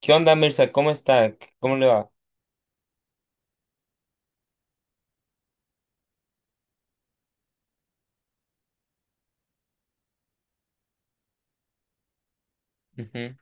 ¿Qué onda, Mirza? ¿Cómo está? ¿Cómo le va? Ujú.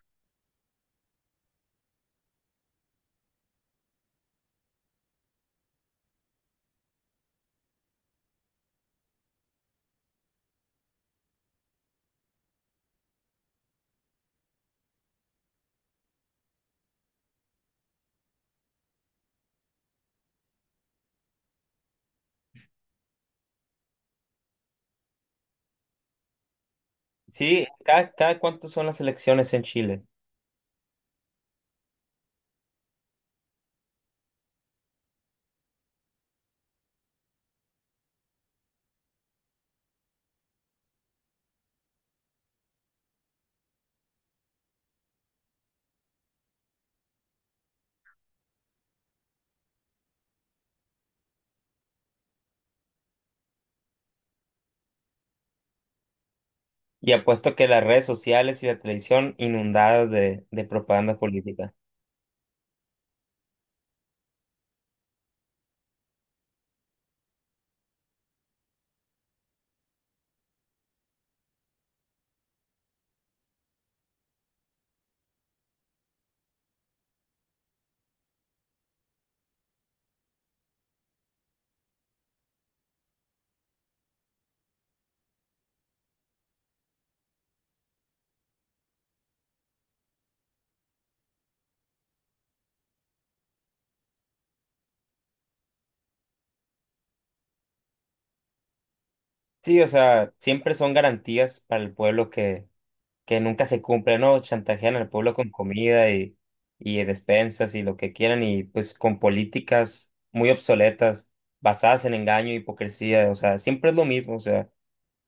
Sí, cada cuánto son las elecciones en Chile? Y apuesto que las redes sociales y la televisión inundadas de propaganda política. Sí, o sea, siempre son garantías para el pueblo que nunca se cumple, ¿no? Chantajean al pueblo con comida y despensas y lo que quieran, y pues con políticas muy obsoletas, basadas en engaño y hipocresía. O sea, siempre es lo mismo, o sea.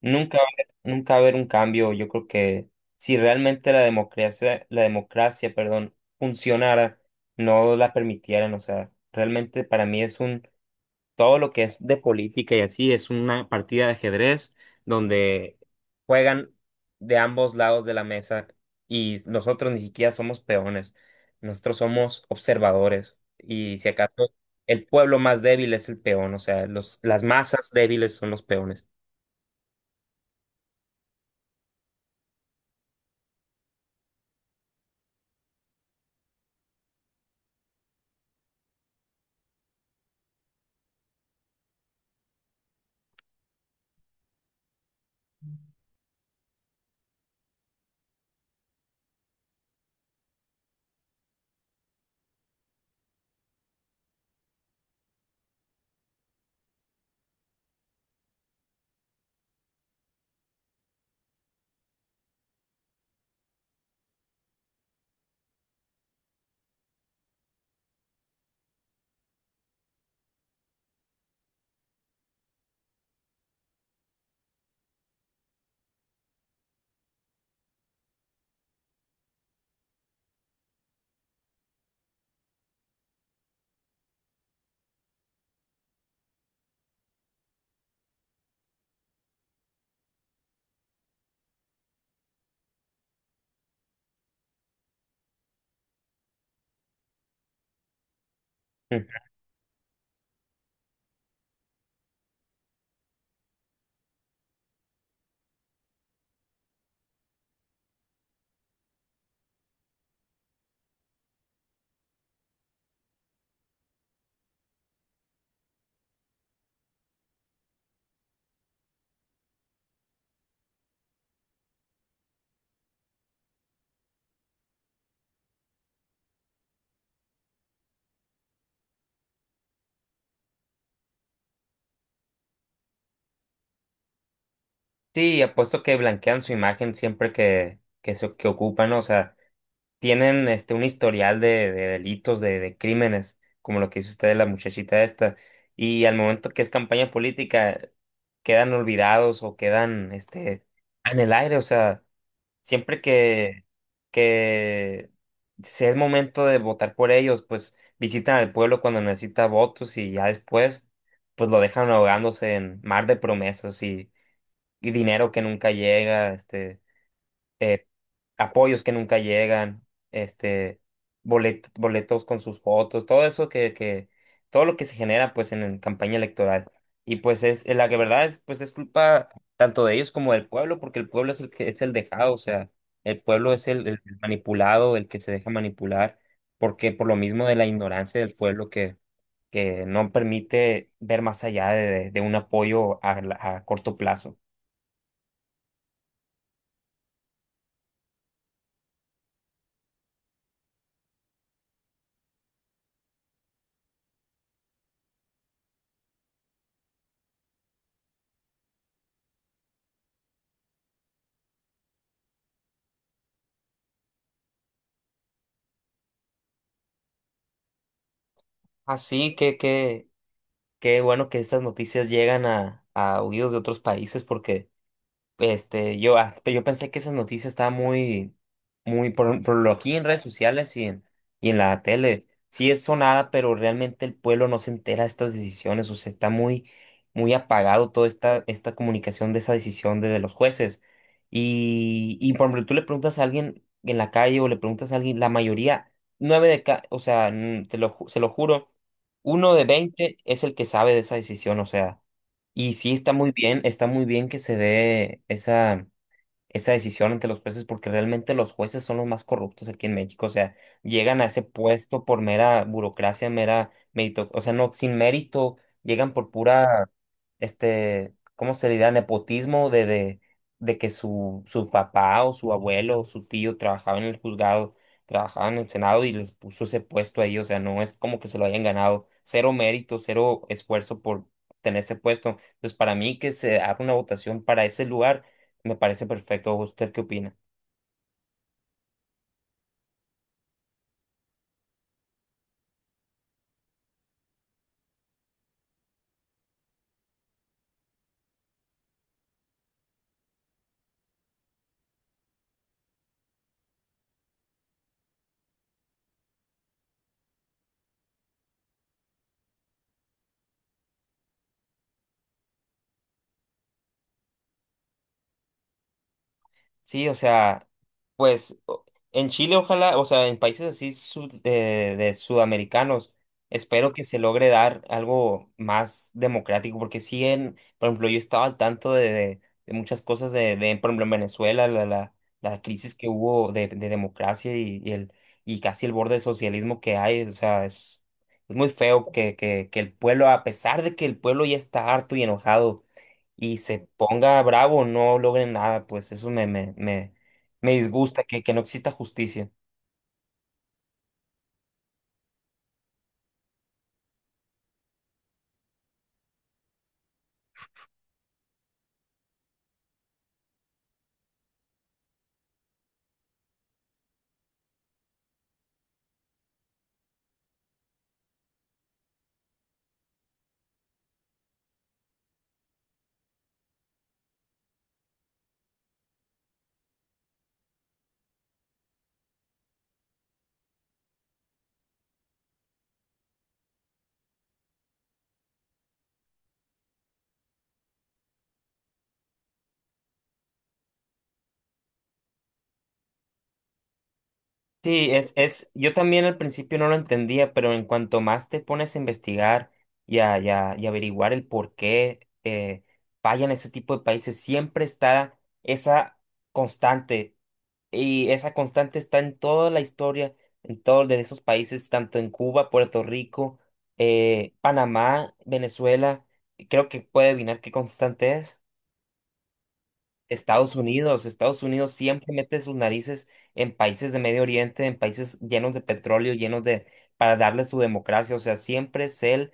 Nunca, nunca va a haber un cambio. Yo creo que si realmente la democracia, perdón, funcionara, no la permitieran. O sea, realmente para mí es un, todo lo que es de política y así es una partida de ajedrez donde juegan de ambos lados de la mesa y nosotros ni siquiera somos peones. Nosotros somos observadores, y si acaso el pueblo más débil es el peón. O sea, los, las masas débiles son los peones. Sí, apuesto que blanquean su imagen siempre que ocupan, ¿no? O sea, tienen este, un historial de delitos, de crímenes, como lo que hizo usted de la muchachita esta, y al momento que es campaña política, quedan olvidados o quedan este, en el aire. O sea, siempre que sea el momento de votar por ellos, pues visitan al pueblo cuando necesita votos, y ya después pues lo dejan ahogándose en mar de promesas y dinero que nunca llega, este, eh, apoyos que nunca llegan, este, boletos con sus fotos, todo eso que, todo lo que se genera pues en campaña electoral. Y pues es, la que verdad es, pues es culpa tanto de ellos como del pueblo, porque el pueblo es el que es el dejado. O sea, el pueblo es el manipulado, el que se deja manipular, porque por lo mismo de la ignorancia del pueblo que no permite ver más allá de un apoyo a a corto plazo. Así que, qué bueno que estas noticias llegan a oídos de otros países, porque este, yo, yo pensé que esa noticia estaba muy, muy, por lo aquí en redes sociales y en la tele. Sí es sonada, pero realmente el pueblo no se entera de estas decisiones. O sea, está muy, muy apagado toda esta, esta comunicación de esa decisión de los jueces. Y por ejemplo, tú le preguntas a alguien en la calle, o le preguntas a alguien, la mayoría, nueve de cada, o sea, te lo, se lo juro, 1 de 20 es el que sabe de esa decisión. O sea. Y sí, está muy bien que se dé esa, esa decisión entre los jueces, porque realmente los jueces son los más corruptos aquí en México. O sea, llegan a ese puesto por mera burocracia, mera mérito, o sea, no, sin mérito, llegan por pura, este, ¿cómo se dirá? Nepotismo de que su papá o su abuelo o su tío trabajaba en el juzgado, trabajaba en el Senado, y les puso ese puesto ahí. O sea, no es como que se lo hayan ganado, cero mérito, cero esfuerzo por tener ese puesto. Entonces, para mí que se haga una votación para ese lugar me parece perfecto. ¿Usted qué opina? Sí, o sea, pues en Chile, ojalá, o sea, en países así de sudamericanos, espero que se logre dar algo más democrático, porque sí, en, por ejemplo, yo estaba al tanto de, de muchas cosas de, por ejemplo, en Venezuela, la crisis que hubo de democracia, y el, y casi el borde de socialismo que hay. O sea, es muy feo que el pueblo, a pesar de que el pueblo ya está harto y enojado, y se ponga bravo, no logren nada. Pues eso me disgusta, que no exista justicia. Sí, es, yo también al principio no lo entendía, pero en cuanto más te pones a investigar y y averiguar el por qué fallan ese tipo de países, siempre está esa constante, y esa constante está en toda la historia, en todos de esos países, tanto en Cuba, Puerto Rico, Panamá, Venezuela, y creo que puede adivinar qué constante es. Estados Unidos, Estados Unidos siempre mete sus narices en países de Medio Oriente, en países llenos de petróleo, llenos de, para darle su democracia. O sea, siempre es el,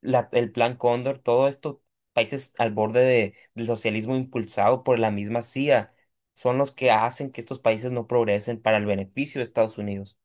el plan Cóndor, todo esto, países al borde de, del socialismo impulsado por la misma CIA, son los que hacen que estos países no progresen para el beneficio de Estados Unidos.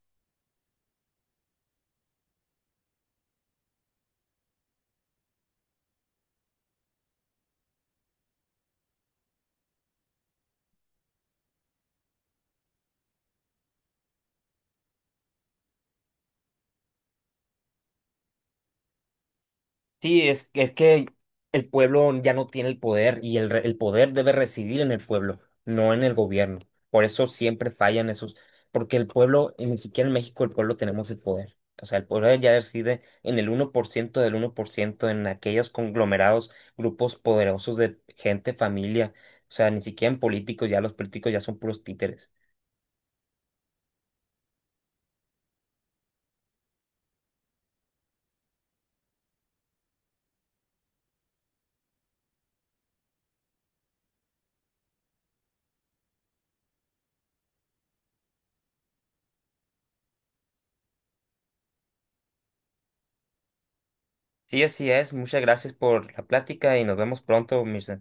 Sí, es que el pueblo ya no tiene el poder, y el, el poder debe residir en el pueblo, no en el gobierno. Por eso siempre fallan esos, porque el pueblo, y ni siquiera en México el pueblo tenemos el poder. O sea, el pueblo ya reside en el 1% del 1%, en aquellos conglomerados, grupos poderosos de gente, familia. O sea, ni siquiera en políticos, ya los políticos ya son puros títeres. Sí, así es. Muchas gracias por la plática y nos vemos pronto, mis